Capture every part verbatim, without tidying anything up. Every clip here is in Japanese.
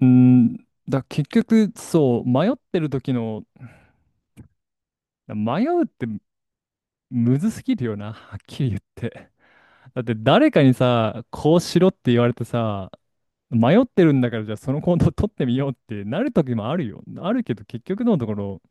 うーん、だ結局、そう、迷ってる時の、迷うってむずすぎるよな、はっきり言って。だって誰かにさ、こうしろって言われてさ、迷ってるんだから、じゃあその行動を取ってみようってなる時もあるよ。あるけど結局のところ、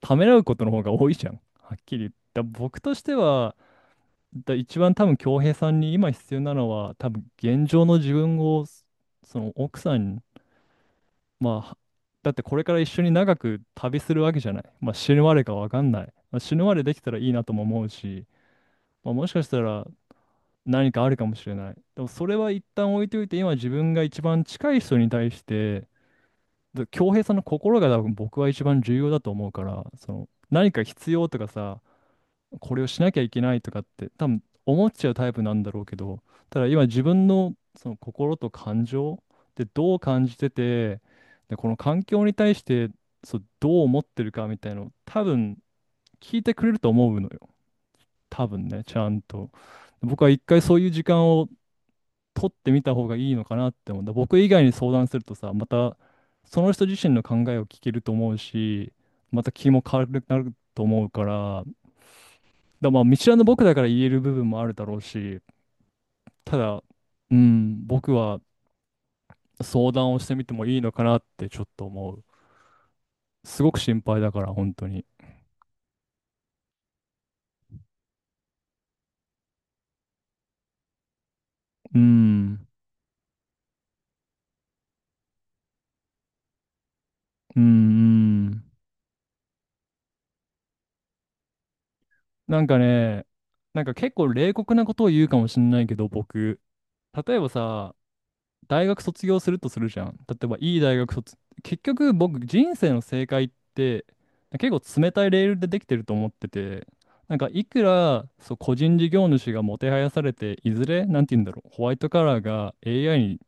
ためらうことの方が多いじゃん。はっきり言って。だ僕としては、だ一番多分恭平さんに今必要なのは、多分現状の自分を、その奥さん、まあ、だってこれから一緒に長く旅するわけじゃない。まあ、死ぬまでかわかんない。まあ、死ぬまでできたらいいなとも思うし、まあ、もしかしたら何かあるかもしれない。でもそれは一旦置いといて、今自分が一番近い人に対して、で恭平さんの心が多分僕は一番重要だと思うから、その何か必要とかさ、これをしなきゃいけないとかって多分思っちゃうタイプなんだろうけど、ただ今自分のその心と感情でどう感じてて、で、この環境に対してそうどう思ってるかみたいなのを多分聞いてくれると思うのよ。多分ね、ちゃんと。僕は一回そういう時間を取ってみた方がいいのかなって思うんだ。僕以外に相談するとさ、またその人自身の考えを聞けると思うし、また気も軽くなると思うから、だまあ、見知らぬ僕だから言える部分もあるだろうし、ただ、うん、僕は相談をしてみてもいいのかなってちょっと思う。すごく心配だから、本当に。うん、うん、うん。なんかね、なんか結構冷酷なことを言うかもしれないけど、僕。例えばさ、大学卒業するとするじゃん。例えばいい大学卒、結局僕人生の正解って結構冷たいレールでできてると思ってて、なんかいくらそう個人事業主がもてはやされて、いずれなんて言うんだろう、ホワイトカラーが エーアイ に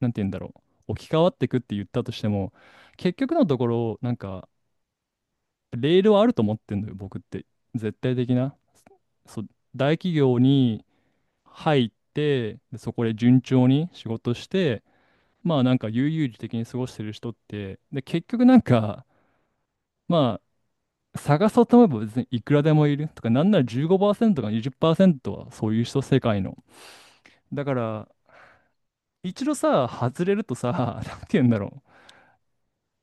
なんて言うんだろう、置き換わってくって言ったとしても、結局のところなんかレールはあると思ってんのよ、僕って。絶対的な。そう、大企業に入って、でそこで順調に仕事して、まあなんか悠々自適に過ごしてる人って、で結局なんか、まあ探そうと思えば別にいくらでもいるとか、なんならじゅうごパーセントかにじゅっパーセントはそういう人世界の。だから一度さ、外れるとさ、なんて言うんだろう、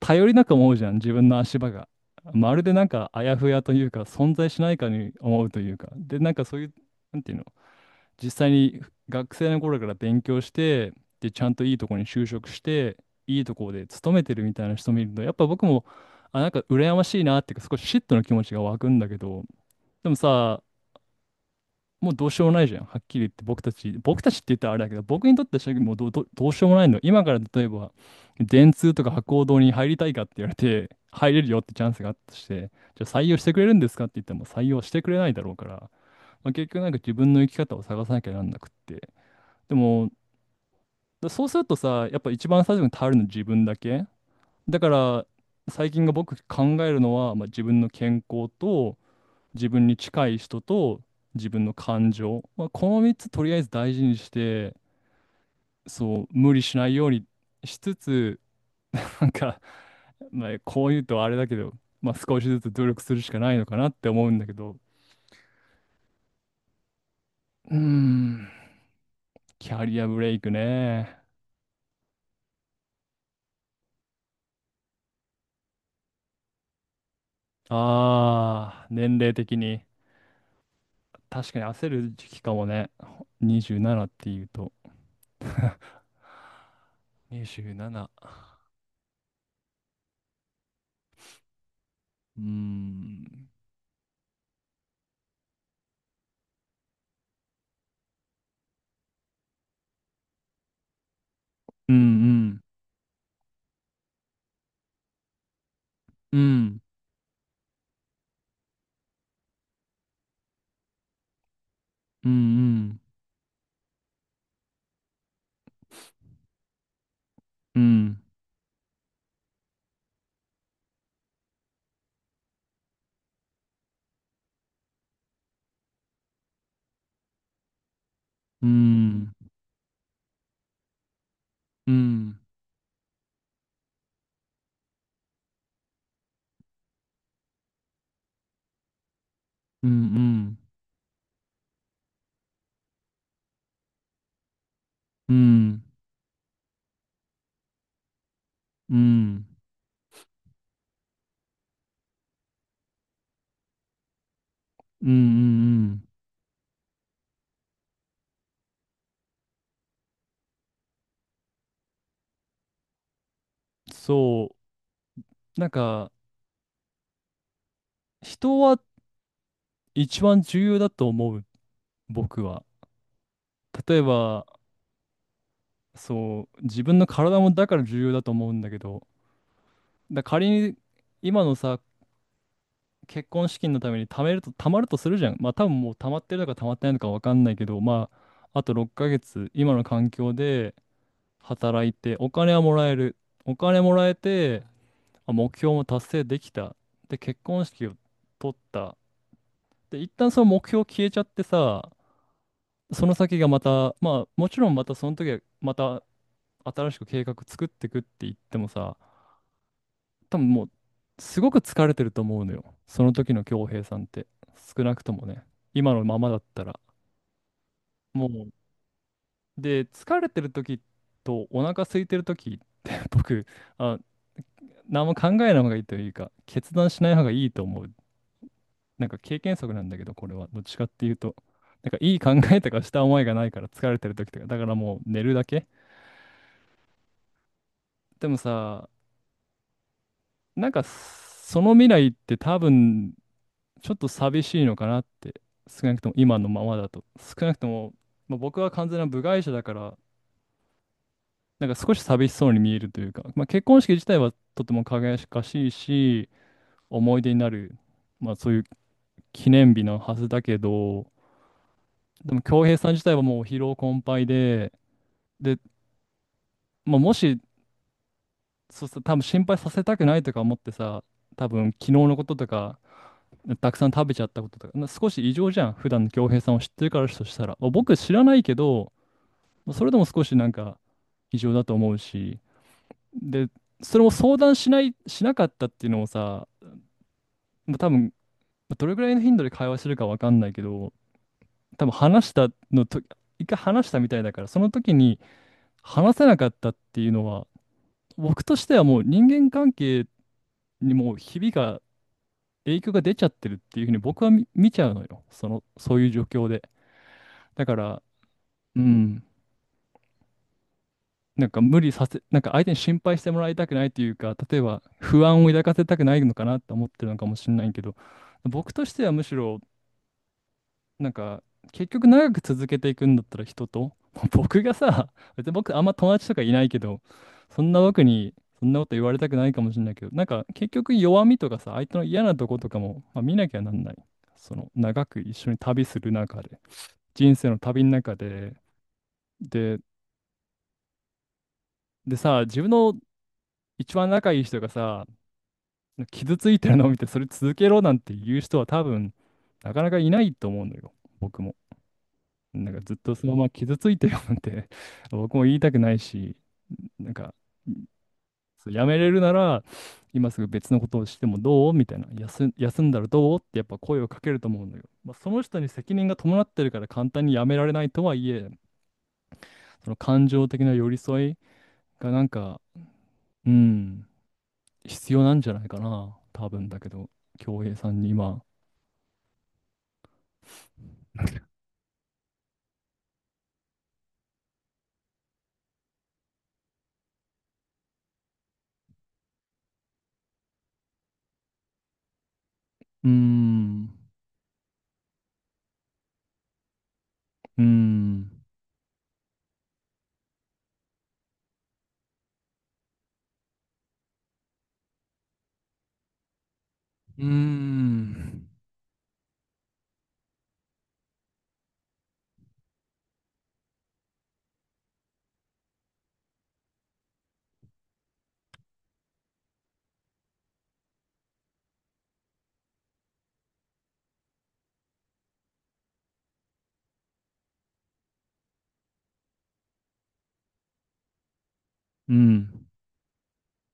頼りなく思うじゃん、自分の足場が。まるでなんかあやふやというか、存在しないかに思うというか、でなんかそういう、なんていう、実際に学生の頃から勉強して、で、ちゃんといいとこに就職して、いいとこで勤めてるみたいな人見ると、やっぱ僕も、あ、なんか羨ましいなっていうか、少し嫉妬の気持ちが湧くんだけど、でもさ、もうどうしようもないじゃん。はっきり言って僕たち、僕たちって言ったらあれだけど、僕にとってはもうどう、どうどうしようもないの。今から例えば、電通とか博報堂に入りたいかって言われて、入れるよってチャンスがあったとして、じゃあ採用してくれるんですかって言っても採用してくれないだろうから、まあ、結局なんか自分の生き方を探さなきゃなんなくって。でも、だそうするとさ、やっぱ一番最初に頼るの自分だけ。だから、最近が僕考えるのは、まあ、自分の健康と、自分に近い人と、自分の感情。まあ、このみっつとりあえず大事にして、そう、無理しないようにしつつ、なんか、まあ、こう言うとあれだけど、まあ、少しずつ努力するしかないのかなって思うんだけど。うーん、キャリアブレイクね。ああ、年齢的に。確かに焦る時期かもね。にじゅうななっていうと。にじゅうなな。うーん。うんうん。うんうん、うんうん、うんうん、うんうん、うんうん、うん、そうなんか人は一番重要だと思う、僕は。例えばそう自分の体もだから重要だと思うんだけど、だから仮に今のさ結婚資金のために貯めると、貯まるとするじゃん。まあ多分もう貯まってるのか貯まってないのか分かんないけど、まああとろっかげつ、今の環境で働いて、お金はもらえる。お金もらえて、あ、目標も達成できた。で、結婚式を取った。で、一旦その目標消えちゃってさ、その先がまた、まあもちろんまたその時はまた新しく計画作ってくって言ってもさ、多分もう、すごく疲れてると思うのよ。その時の恭平さんって。少なくともね。今のままだったら。もう、で、疲れてる時とお腹空いてる時って 僕、あ、何も考えない方がいいというか、決断しない方がいいと思う。なんか経験則なんだけど、これは。どっちかっていうと。なんかいい考えとかした思いがないから疲れてる時とか、だからもう寝るだけ。でもさ、なんかその未来って多分ちょっと寂しいのかなって、少なくとも今のままだと。少なくとも、まあ、僕は完全な部外者だから、なんか少し寂しそうに見えるというか、まあ、結婚式自体はとても輝かしいし、思い出になる、まあ、そういう記念日のはずだけど、でも恭平さん自体はもう疲労困憊で、で、まあ、もし、そうさ多分心配させたくないとか思ってさ、多分昨日のこととか、たくさん食べちゃったこととか、な少し異常じゃん、普段の恭平さんを知ってるからとしたら。まあ僕知らないけど、それでも少しなんか異常だと思うし、で、それも相談しない、しなかったっていうのもさ、まあ多分、まあどれぐらいの頻度で会話してるかわかんないけど、多分話したのと、一回話したみたいだから、その時に話せなかったっていうのは、僕としてはもう人間関係にもうひびが、影響が出ちゃってるっていうふうに僕は見、見ちゃうのよ。その、そういう状況で。だから、うん。なんか無理させ、なんか相手に心配してもらいたくないというか、例えば不安を抱かせたくないのかなと思ってるのかもしれないけど、僕としてはむしろ、なんか結局長く続けていくんだったら人と、僕がさ、別に僕あんま友達とかいないけど、そんな僕にそんなこと言われたくないかもしれないけど、なんか結局弱みとかさ、相手の嫌なとことかも、まあ、見なきゃなんない。その長く一緒に旅する中で、人生の旅の中で、で、でさ、自分の一番仲いい人がさ、傷ついてるのを見て、それ続けろなんて言う人は多分、なかなかいないと思うのよ、僕も。なんかずっとそのまま傷ついてるなんて 僕も言いたくないし、なんか、そうやめれるなら、今すぐ別のことをしてもどうみたいな、休、休んだらどうってやっぱ声をかけると思うのよ。まあ、その人に責任が伴ってるから簡単にやめられないとはいえ、その感情的な寄り添いがなんか、うん、必要なんじゃないかな、多分だけど、京平さんに今。うーん、うーん、うーん、うん。